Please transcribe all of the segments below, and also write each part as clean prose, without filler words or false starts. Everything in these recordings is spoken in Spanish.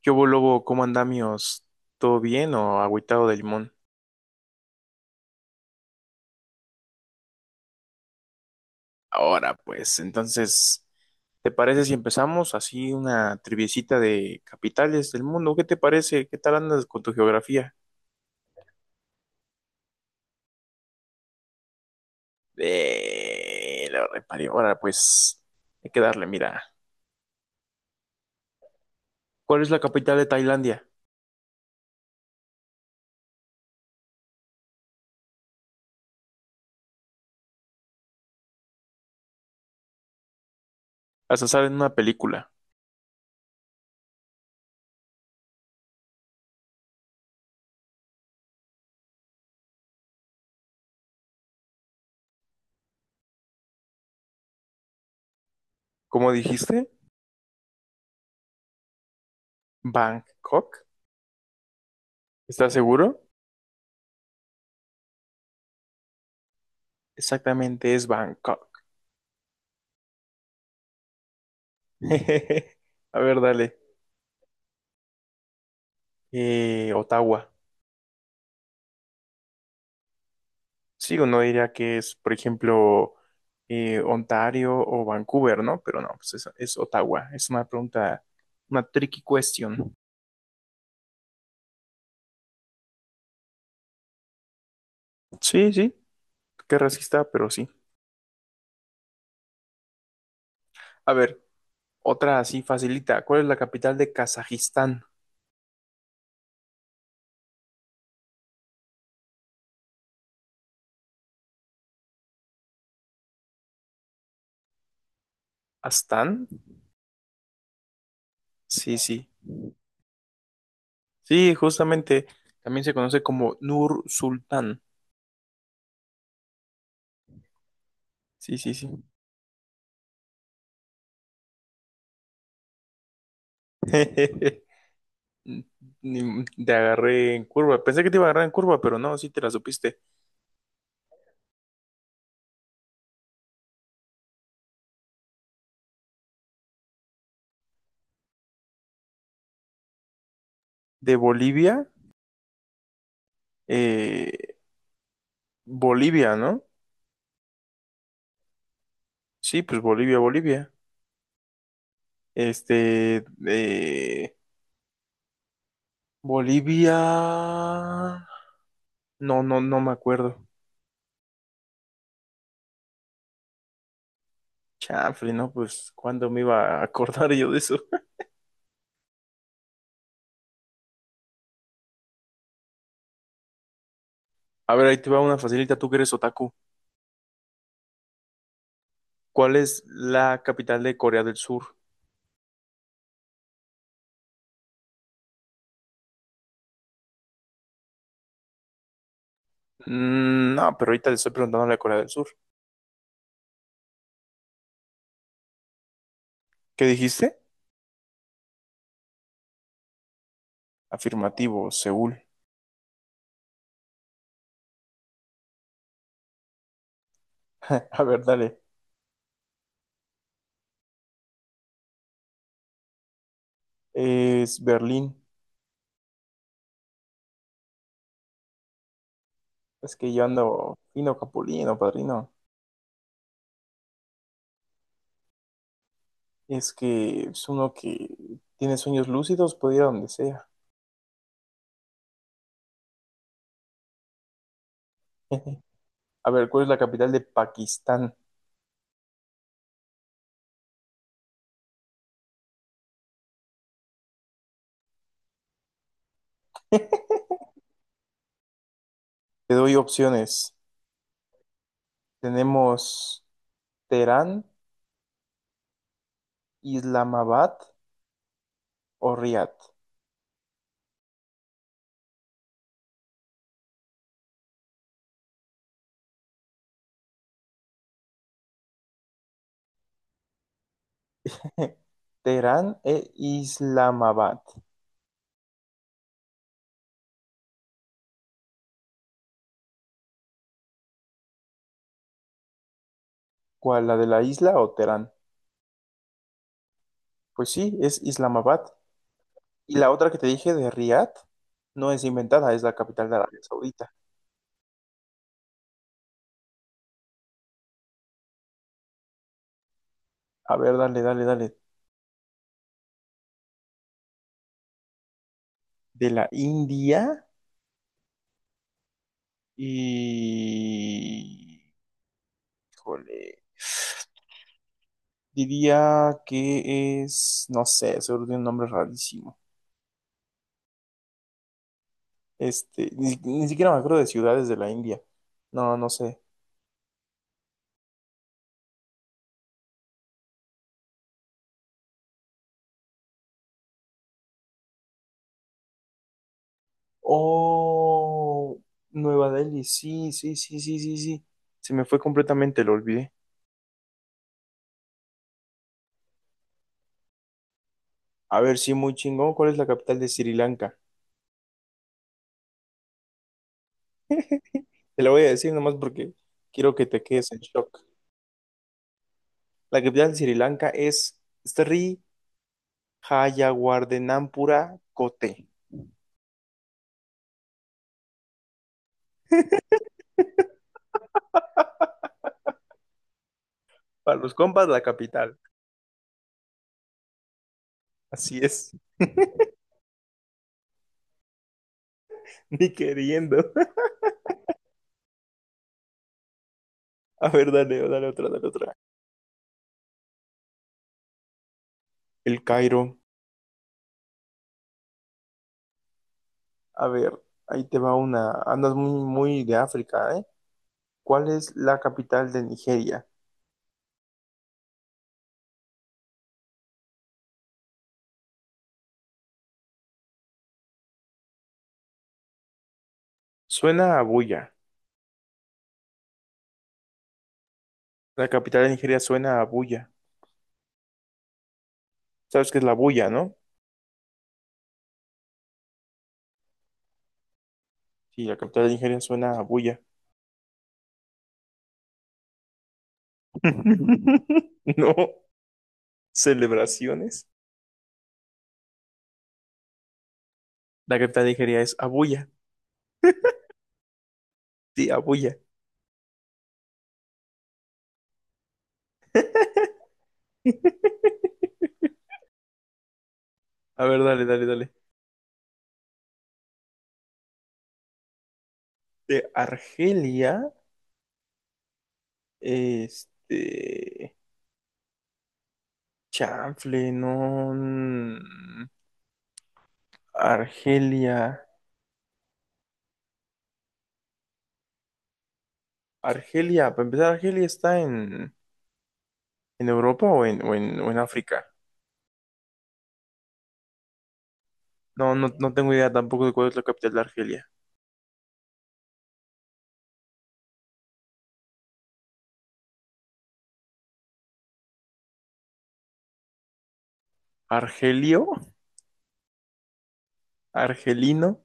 ¿Qué hubo, lobo? ¿Cómo andamios? ¿Todo bien o agüitado de limón? Ahora, pues, entonces, ¿te parece si empezamos así una triviecita de capitales del mundo? ¿Qué te parece? ¿Qué tal andas con tu geografía? Lo reparé. Ahora, pues, hay que darle, mira. ¿Cuál es la capital de Tailandia? Hasta sale en una película. ¿Cómo dijiste? ¿Bangkok? ¿Estás seguro? Exactamente, es Bangkok. A ver, dale. Ottawa. Sí, uno diría que es, por ejemplo, Ontario o Vancouver, ¿no? Pero no, pues es Ottawa. Es una pregunta, una tricky question. Sí, sí, qué racista, pero sí. A ver, otra así facilita. ¿Cuál es la capital de Kazajistán? ¿Astán? Sí, sí. Sí, justamente también se conoce como Nur Sultán. Sí, sí, sí. Ni- Te agarré en curva. Pensé que te iba a agarrar en curva, pero no, sí te la supiste. De Bolivia, eh, Bolivia, ¿no? Sí, pues Bolivia. Este, eh, Bolivia. No me acuerdo. Chanfle, ¿no? Pues, ¿cuándo me iba a acordar yo de eso? A ver, ahí te va una facilita, tú que eres otaku. ¿Cuál es la capital de Corea del Sur? Mm, no, pero ahorita le estoy preguntando a la Corea del Sur. ¿Qué dijiste? Afirmativo, Seúl. A ver, dale. Es Berlín. Es que yo ando fino capulino, padrino. Es que es uno que tiene sueños lúcidos, puede ir a donde sea. A ver, ¿cuál es la capital de Pakistán? Te doy opciones. Tenemos Teherán, Islamabad o Riad. Teherán e Islamabad. ¿Cuál, la de la isla o Teherán? Pues sí, es Islamabad. Y la otra que te dije de Riad no es inventada, es la capital de Arabia Saudita. A ver, dale, dale, dale. De la India y... Híjole. Diría que es, no sé, seguro tiene un nombre rarísimo. Ni siquiera me acuerdo de ciudades de la India. No, no sé. Oh, Nueva Delhi, sí, sí, sí, sí, sí, sí. Se me fue completamente, lo olvidé. A ver, sí, muy chingón. ¿Cuál es la capital de Sri Lanka? Te la voy a decir nomás porque quiero que te quedes en shock. La capital de Sri Lanka es Sri Hayawardenapura Kotte. Para los compas, la capital. Así es. Ni queriendo. A ver, dale, dale otra, dale otra. El Cairo. A ver, ahí te va una. Andas muy, muy de África, ¿eh? ¿Cuál es la capital de Nigeria? Suena a Buya. La capital de Nigeria suena a Buya. ¿Sabes qué es la Buya, no? Sí, la capital de Nigeria suena a Buya. No, celebraciones. La capital de Nigeria es Abuya. Sí, Abuya. A ver, dale, dale, dale. De Argelia, este. Chanfle, no. Argelia. Argelia, para empezar, ¿Argelia está en Europa o en África? No tengo idea tampoco de cuál es la capital de Argelia. ¿Argelio? ¿Argelino?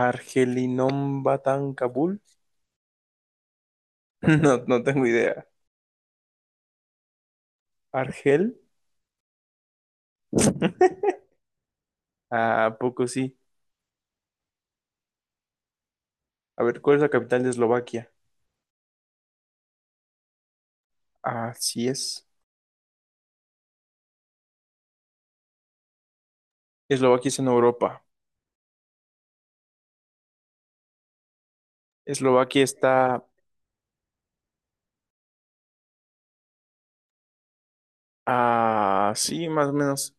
¿Argelinom Batán Kabul? No, no tengo idea. ¿Argel? ¿A poco sí? A ver, ¿cuál es la capital de Eslovaquia? Así es. Eslovaquia es en Europa. Eslovaquia está. Ah, sí, más o menos.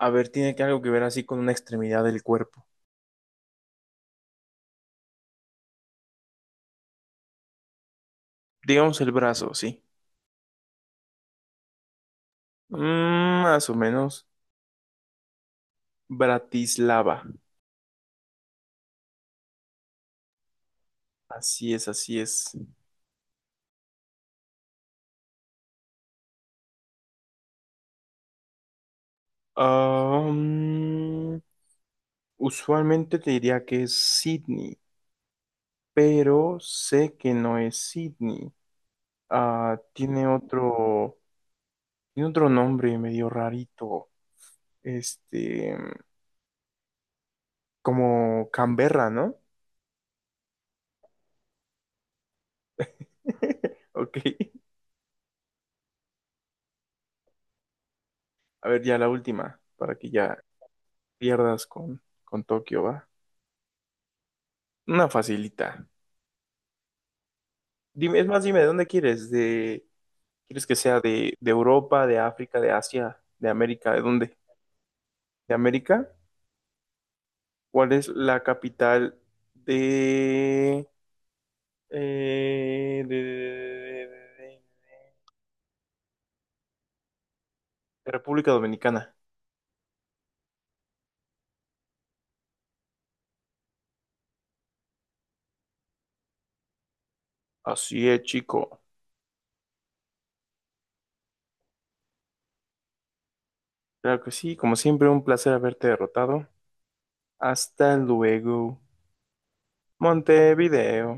A ver, tiene que algo que ver así con una extremidad del cuerpo. Digamos el brazo, sí. Mm, más o menos. Bratislava. Así es, así es. Ah, mm, usualmente te diría que es Sydney, pero sé que no es Sydney. Ah, tiene tiene otro nombre medio rarito. Este, como Canberra, ¿no? Ok. A ver, ya la última, para que ya pierdas con Tokio, ¿va? Una facilita. Dime, es más, dime, ¿de dónde quieres? ¿Quieres que sea de Europa, de África, de Asia, de América? ¿De dónde? ¿De América? ¿Cuál es la capital de, eh, de, de- de- de- de- de República Dominicana? Así es, chico. Claro que sí, como siempre, un placer haberte derrotado. Hasta luego, Montevideo.